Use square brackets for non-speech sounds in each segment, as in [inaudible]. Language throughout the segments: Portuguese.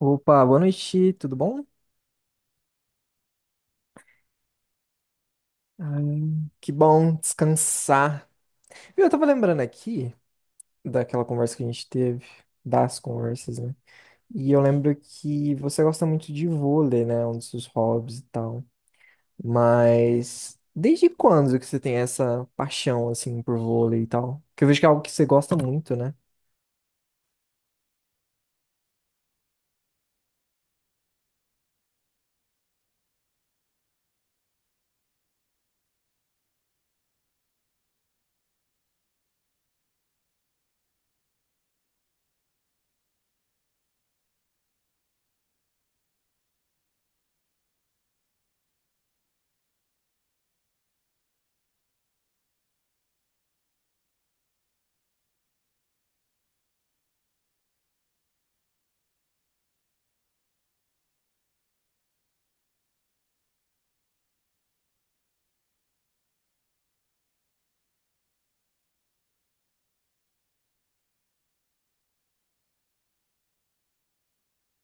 Opa, boa noite, tudo bom? Ai, que bom descansar. Viu, eu tava lembrando aqui daquela conversa que a gente teve, das conversas, né? E eu lembro que você gosta muito de vôlei, né? Um dos seus hobbies e tal. Mas desde quando que você tem essa paixão, assim, por vôlei e tal? Porque eu vejo que é algo que você gosta muito, né?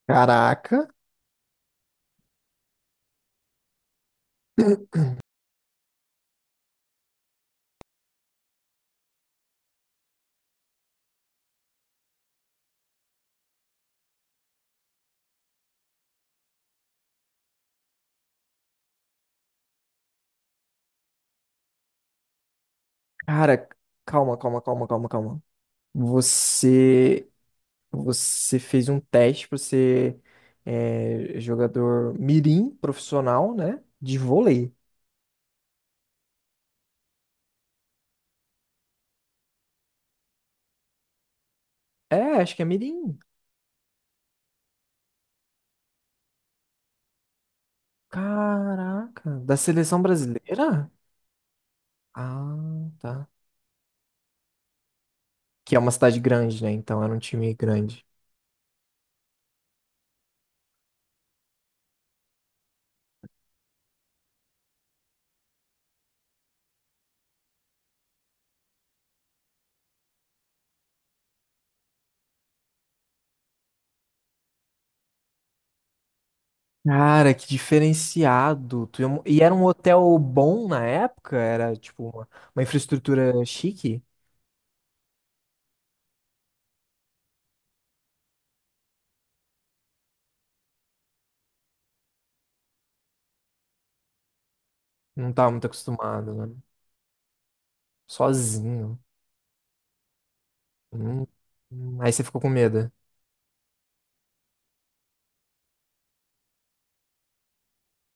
Caraca, cara, calma, calma, calma, calma, calma. Você Você fez um teste para ser, é, jogador mirim profissional, né? De vôlei. É, acho que é mirim. Caraca, da seleção brasileira? Ah, tá. Que é uma cidade grande, né? Então era um time grande. Cara, que diferenciado. E era um hotel bom na época? Era tipo uma infraestrutura chique? Não tava muito acostumado, né? Sozinho. Hum. Aí você ficou com medo.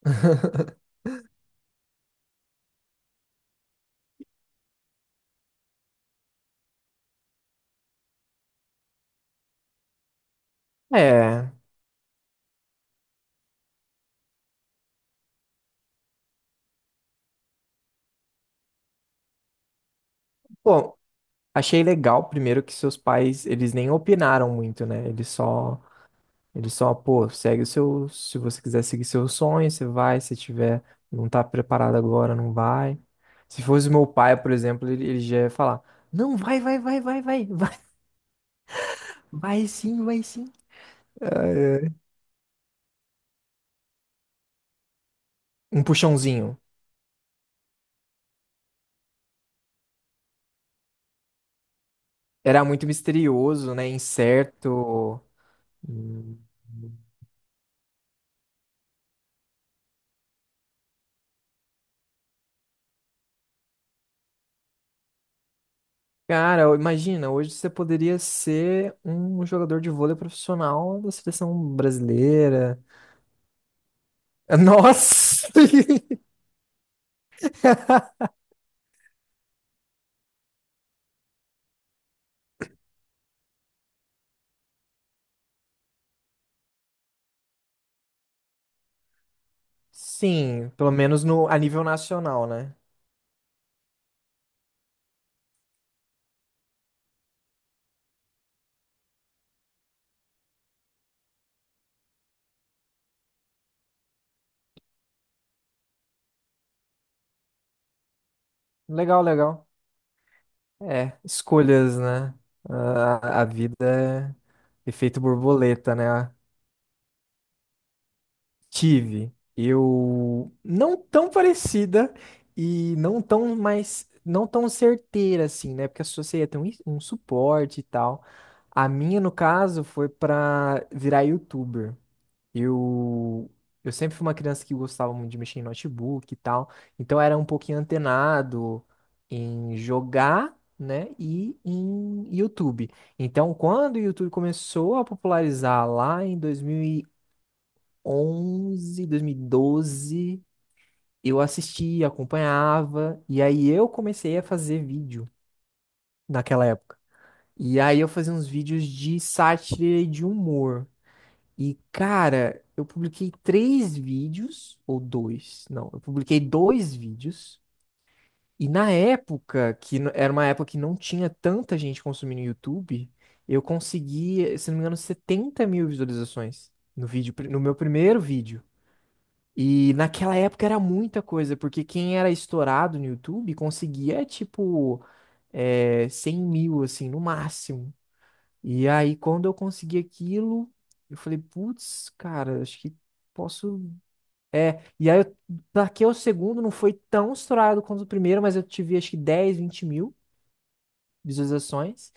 [laughs] É. Pô, achei legal primeiro que seus pais, eles nem opinaram muito, né? Eles só, pô, segue o seu, se você quiser seguir seu sonho, você vai, se tiver, não tá preparado agora, não vai. Se fosse meu pai, por exemplo, ele já ia falar, não, vai, vai, vai, vai, vai, [laughs] vai, vai sim, vai sim. Ai, ai. Um puxãozinho. Era muito misterioso, né? Incerto. Hum. Cara, imagina, hoje você poderia ser um jogador de vôlei profissional da seleção brasileira. Nossa! [laughs] Sim, pelo menos no, a nível nacional, né? Legal, legal. É, escolhas, né? A vida é efeito borboleta, né? Tive. Eu não tão parecida e não tão mais, não tão certeira assim, né? Porque a sua seria ter um suporte e tal. A minha, no caso, foi pra virar youtuber. Eu eu sempre fui uma criança que gostava muito de mexer em notebook e tal, então era um pouquinho antenado em jogar, né, e em YouTube. Então, quando o YouTube começou a popularizar lá em 2000 2011, 2012, eu assistia, acompanhava, e aí eu comecei a fazer vídeo naquela época. E aí eu fazia uns vídeos de sátira e de humor. E, cara, eu publiquei três vídeos, ou dois, não, eu publiquei dois vídeos. E na época, era uma época que não tinha tanta gente consumindo YouTube, eu consegui, se não me engano, 70 mil visualizações no vídeo, no meu primeiro vídeo. E naquela época era muita coisa, porque quem era estourado no YouTube conseguia, tipo, é, 100 mil, assim, no máximo. E aí, quando eu consegui aquilo, eu falei, putz, cara, acho que posso. É, e aí, eu taquei o segundo, não foi tão estourado quanto o primeiro, mas eu tive, acho que 10 20 mil visualizações.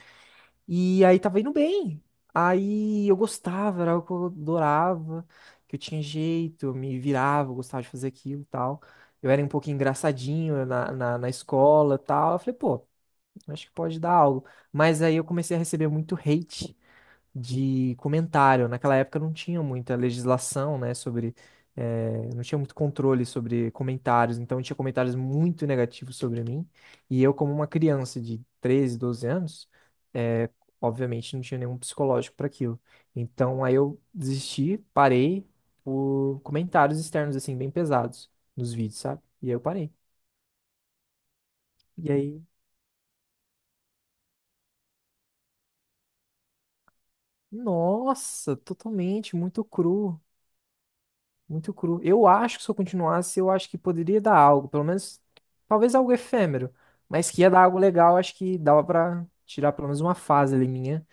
E aí tava indo bem. Aí eu gostava, era algo que eu adorava, que eu tinha jeito, eu me virava, eu gostava de fazer aquilo e tal. Eu era um pouco engraçadinho na escola e tal. Eu falei, pô, acho que pode dar algo. Mas aí eu comecei a receber muito hate de comentário. Naquela época não tinha muita legislação, né, sobre, não tinha muito controle sobre comentários, então tinha comentários muito negativos sobre mim, e eu como uma criança de 13 12 anos, eh, obviamente não tinha nenhum psicológico para aquilo. Então aí eu desisti, parei por comentários externos assim bem pesados nos vídeos, sabe? E aí eu parei. E aí, nossa, totalmente muito cru. Muito cru. Eu acho que se eu continuasse, eu acho que poderia dar algo, pelo menos, talvez algo efêmero, mas que ia dar algo legal, acho que dava pra tirar pelo menos uma fase ali minha,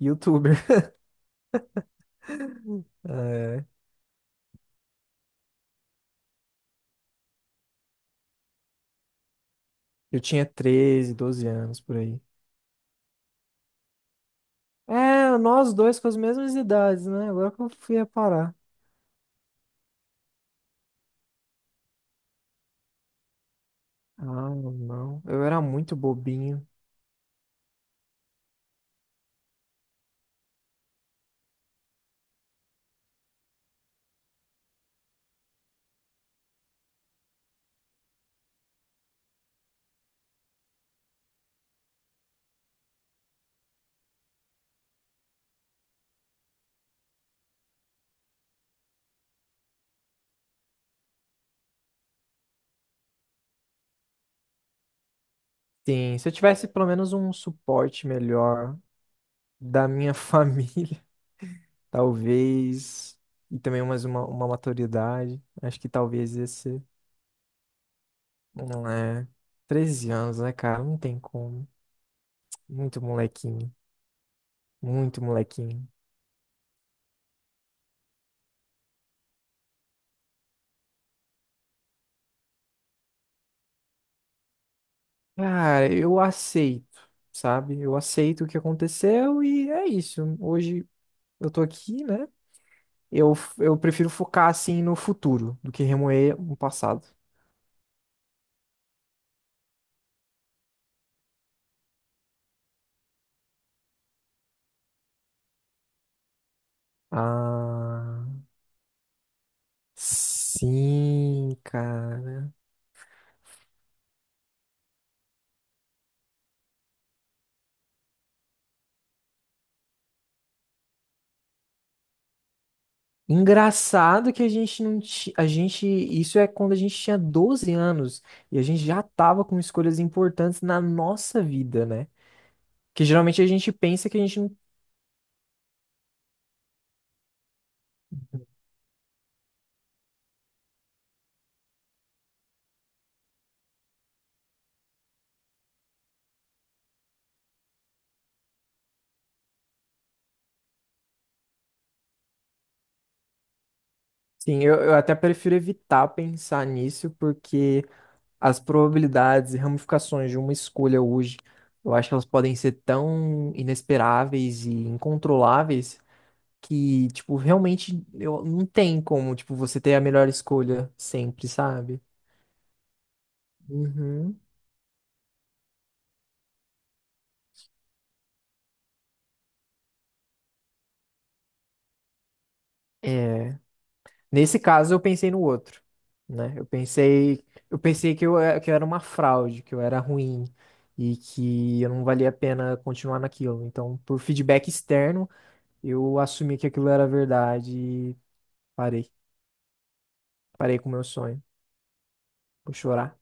youtuber. [laughs] É, eu tinha 13 12 anos por aí. É, nós dois com as mesmas idades, né? Agora que eu fui reparar. Ah, não. Eu era muito bobinho. Sim, se eu tivesse pelo menos um suporte melhor da minha [laughs] família, talvez. E também mais uma maturidade. Acho que talvez esse. Não é. 13 anos, né, cara? Não tem como. Muito molequinho. Muito molequinho. Cara, eu aceito, sabe? Eu aceito o que aconteceu e é isso. Hoje eu tô aqui, né? Eu prefiro focar assim no futuro do que remoer o passado. Ah, sim, cara. Engraçado que a gente não ti- a gente isso é quando a gente tinha 12 anos e a gente já tava com escolhas importantes na nossa vida, né? Que geralmente a gente pensa que a gente não. Sim, eu até prefiro evitar pensar nisso porque as probabilidades e ramificações de uma escolha hoje, eu acho que elas podem ser tão inesperáveis e incontroláveis que, tipo, realmente eu, não tem como, tipo, você ter a melhor escolha sempre, sabe? Uhum. É. Nesse caso, eu pensei no outro, né? Eu pensei que eu, que eu era uma fraude, que eu era ruim e que eu não valia a pena continuar naquilo. Então, por feedback externo, eu assumi que aquilo era verdade e parei. Parei com o meu sonho. Vou chorar.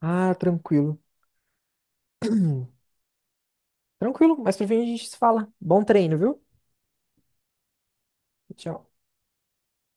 Ah, tranquilo. [clears throat] Tranquilo, mas pra fim a gente se fala. Bom treino, viu? Tchau.